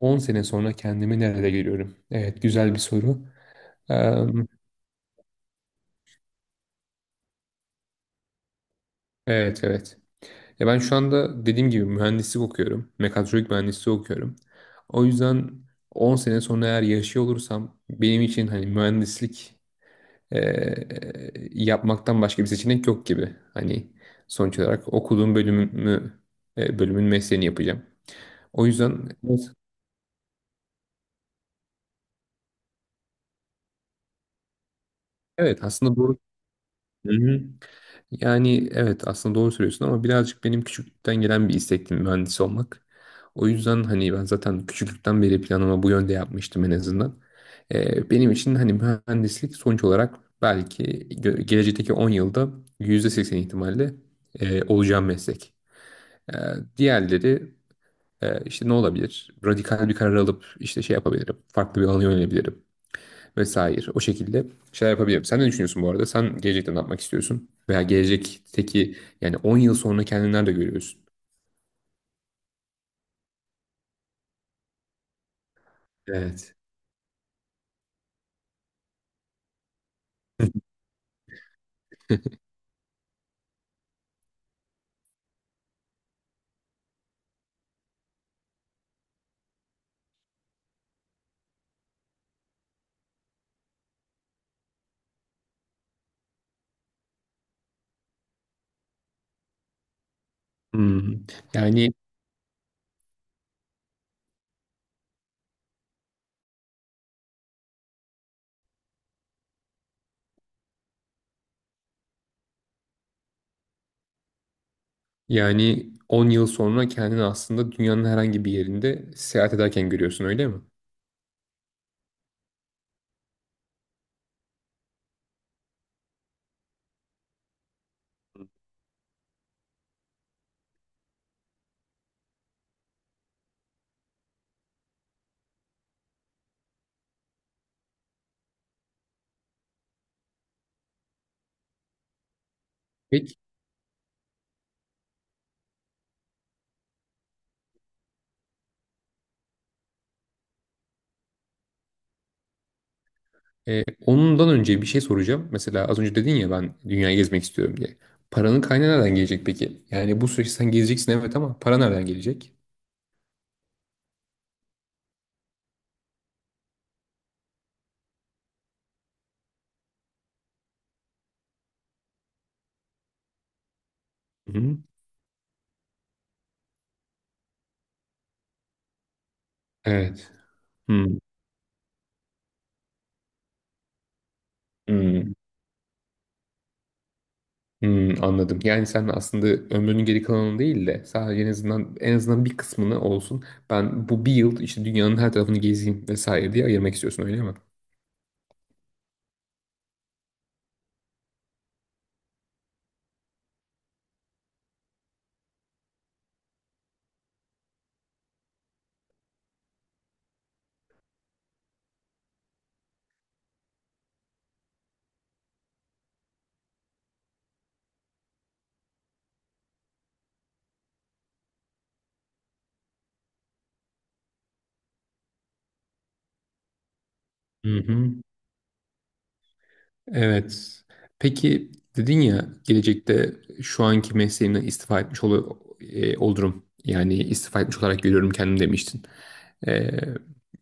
10 sene sonra kendimi nerede görüyorum? Evet, güzel bir soru. Eee, evet, evet. Ya ben şu anda dediğim gibi mühendislik okuyorum. Mekatronik mühendisliği okuyorum. O yüzden 10 sene sonra eğer yaşıyor olursam benim için hani mühendislik eee, yapmaktan başka bir seçenek yok gibi. Hani sonuç olarak okuduğum bölümümü, bölümün mesleğini yapacağım. O yüzden evet aslında doğru. Hı hı. Yani evet aslında doğru söylüyorsun ama birazcık benim küçüklükten gelen bir istekti mühendis olmak. O yüzden hani ben zaten küçüklükten beri planımı bu yönde yapmıştım en azından. Benim için hani mühendislik sonuç olarak belki gelecekteki 10 yılda %80 ihtimalle olacağım meslek. Ee, Diğerleri işte ne olabilir? Radikal bir karar alıp işte şey yapabilirim. Farklı bir alana yönelebilirim vesaire. O şekilde şeyler yapabilirim. Sen ne düşünüyorsun bu arada? Sen gelecekte ne yapmak istiyorsun? Veya gelecekteki yani 10 yıl sonra kendini nerede görüyorsun? Evet. Hmm. Yani yani 10 yıl sonra kendini aslında dünyanın herhangi bir yerinde seyahat ederken görüyorsun öyle mi? Peki ondan önce bir şey soracağım. Mesela az önce dedin ya ben dünyayı gezmek istiyorum diye. Paranın kaynağı nereden gelecek peki? Yani bu süreçte sen gezeceksin evet ama para nereden gelecek? Hı. Evet. Hmm. Hmm. Anladım. Yani sen aslında ömrünün geri kalanını değil de sadece en azından bir kısmını olsun. Ben bu bir yıl işte dünyanın her tarafını gezeyim vesaire diye ayırmak istiyorsun öyle mi? Hı hı. Evet. Peki dedin ya gelecekte şu anki mesleğimden istifa etmiş olurum. Yani istifa etmiş olarak görüyorum kendimi demiştin. E,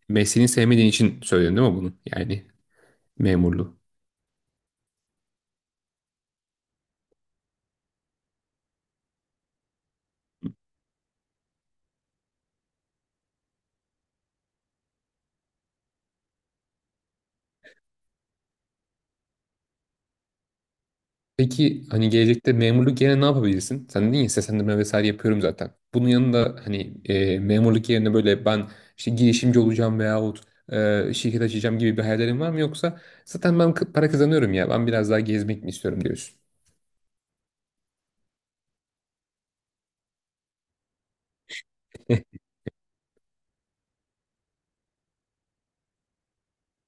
Mesleğini sevmediğin için söyledin değil mi bunu? Yani memurluğu. Peki hani gelecekte memurluk yerine ne yapabilirsin? Sen dedin ya seslendirme vesaire yapıyorum zaten. Bunun yanında hani memurluk yerine böyle ben işte girişimci olacağım veyahut şirket açacağım gibi bir hayallerin var mı? Yoksa zaten ben para kazanıyorum ya ben biraz daha gezmek mi istiyorum diyorsun.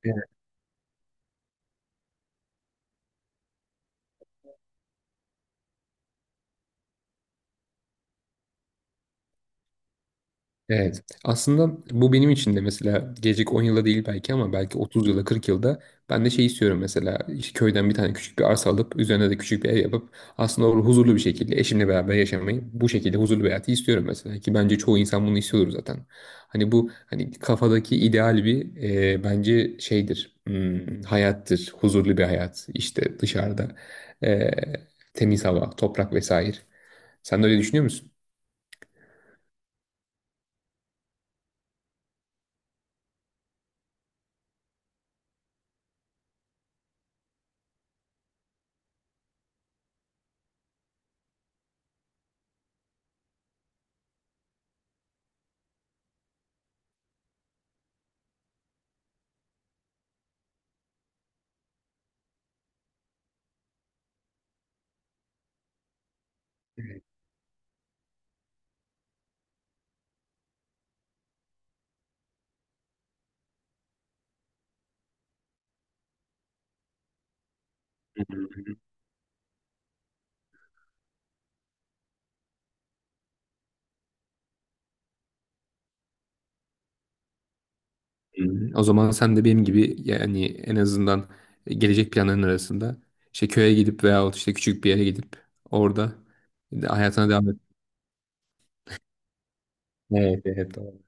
Evet. Aslında bu benim için de mesela gelecek 10 yılda değil belki ama belki 30 yılda 40 yılda ben de şey istiyorum mesela işte köyden bir tane küçük bir arsa alıp üzerine de küçük bir ev yapıp aslında orada huzurlu bir şekilde eşimle beraber yaşamayı bu şekilde huzurlu bir hayatı istiyorum mesela ki bence çoğu insan bunu istiyordur zaten. Hani bu hani kafadaki ideal bir bence şeydir hayattır huzurlu bir hayat işte dışarıda e, temiz hava toprak vesaire. Sen de öyle düşünüyor musun? Hı. O zaman sen de benim gibi yani en azından gelecek planların arasında işte köye gidip veyahut işte küçük bir yere gidip orada hayatına devam et. Evet, evet, doğru.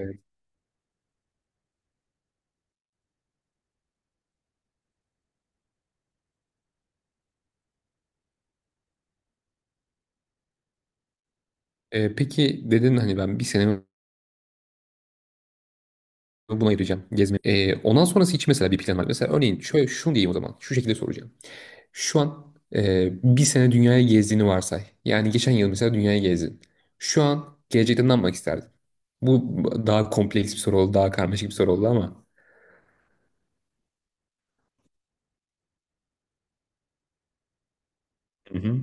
Evet. Peki dedin hani ben bir senemi buna ayıracağım gezme. Ondan sonrası için mesela bir plan var. Mesela örneğin şöyle şunu diyeyim o zaman. Şu şekilde soracağım. Şu an bir sene dünyaya gezdiğini varsay. Yani geçen yıl mesela dünyaya gezdin. Şu an gelecekte ne yapmak isterdin? Bu daha kompleks bir soru oldu, daha karmaşık bir soru oldu ama. Hı hı.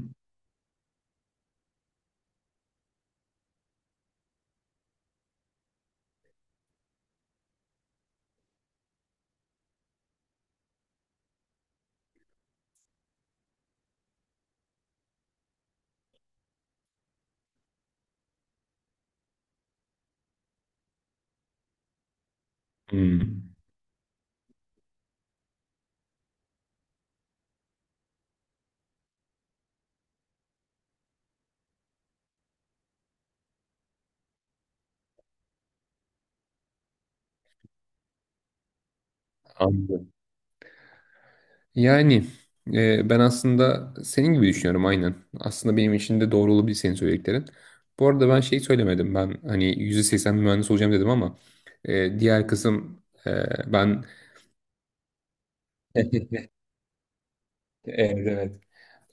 Hmm, Anladım. Yani ben aslında senin gibi düşünüyorum aynen. Aslında benim için de doğru olabilir senin söylediklerin. Bu arada ben şey söylemedim. Ben hani %80 mühendis olacağım dedim ama diğer kısım ben. Evet, evet.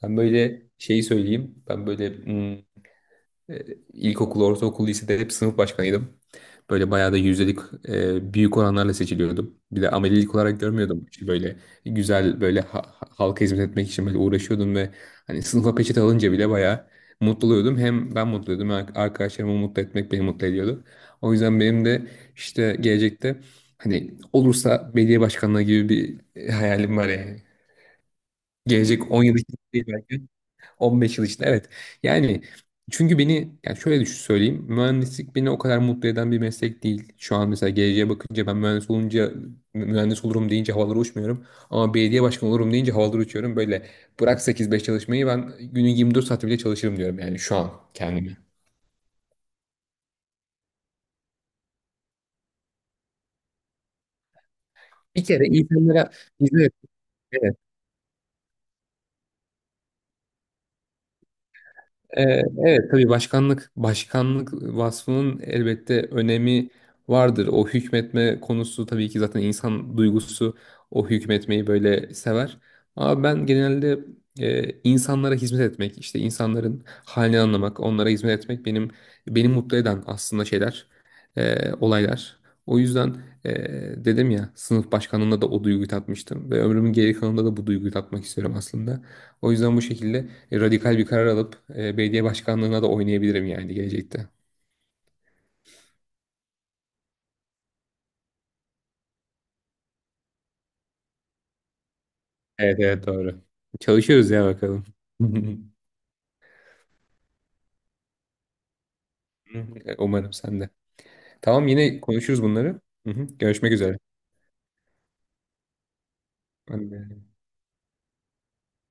Ben böyle şeyi söyleyeyim. Ben böyle. E, İlkokul, ortaokul, lisede hep sınıf başkanıydım. Böyle bayağı da yüzdelik büyük oranlarla seçiliyordum. Bir de amelilik olarak görmüyordum. İşte böyle güzel böyle halka hizmet etmek için böyle uğraşıyordum ve hani sınıfa peçete alınca bile bayağı mutlu oluyordum. Hem ben mutlu oluyordum, arkadaşlarımı mutlu etmek beni mutlu ediyordu. O yüzden benim de işte gelecekte hani olursa belediye başkanlığı gibi bir hayalim var yani. Gelecek 10 yıl için değil belki, 15 yıl içinde evet. Yani çünkü beni yani şöyle düşün söyleyeyim. Mühendislik beni o kadar mutlu eden bir meslek değil. Şu an mesela geleceğe bakınca ben mühendis olunca mühendis olurum deyince havalara uçmuyorum. Ama belediye başkanı olurum deyince havalara uçuyorum. Böyle bırak 8-5 çalışmayı, ben günün 24 saati bile çalışırım diyorum yani şu an kendime. Bir kere insanlara hizmet. Ee, Evet, tabii başkanlık vasfının elbette önemi vardır. O hükmetme konusu tabii ki zaten insan duygusu o hükmetmeyi böyle sever. Ama ben genelde insanlara hizmet etmek, işte insanların halini anlamak, onlara hizmet etmek beni mutlu eden aslında şeyler, olaylar. O yüzden e, dedim ya sınıf başkanlığında da o duyguyu tatmıştım ve ömrümün geri kalanında da bu duyguyu tatmak istiyorum aslında. O yüzden bu şekilde radikal bir karar alıp belediye başkanlığına da oynayabilirim yani gelecekte. Evet, evet, doğru. Çalışıyoruz ya, bakalım. Umarım sen de. Tamam, yine konuşuruz bunları. Hı hı. Görüşmek üzere. Ben de.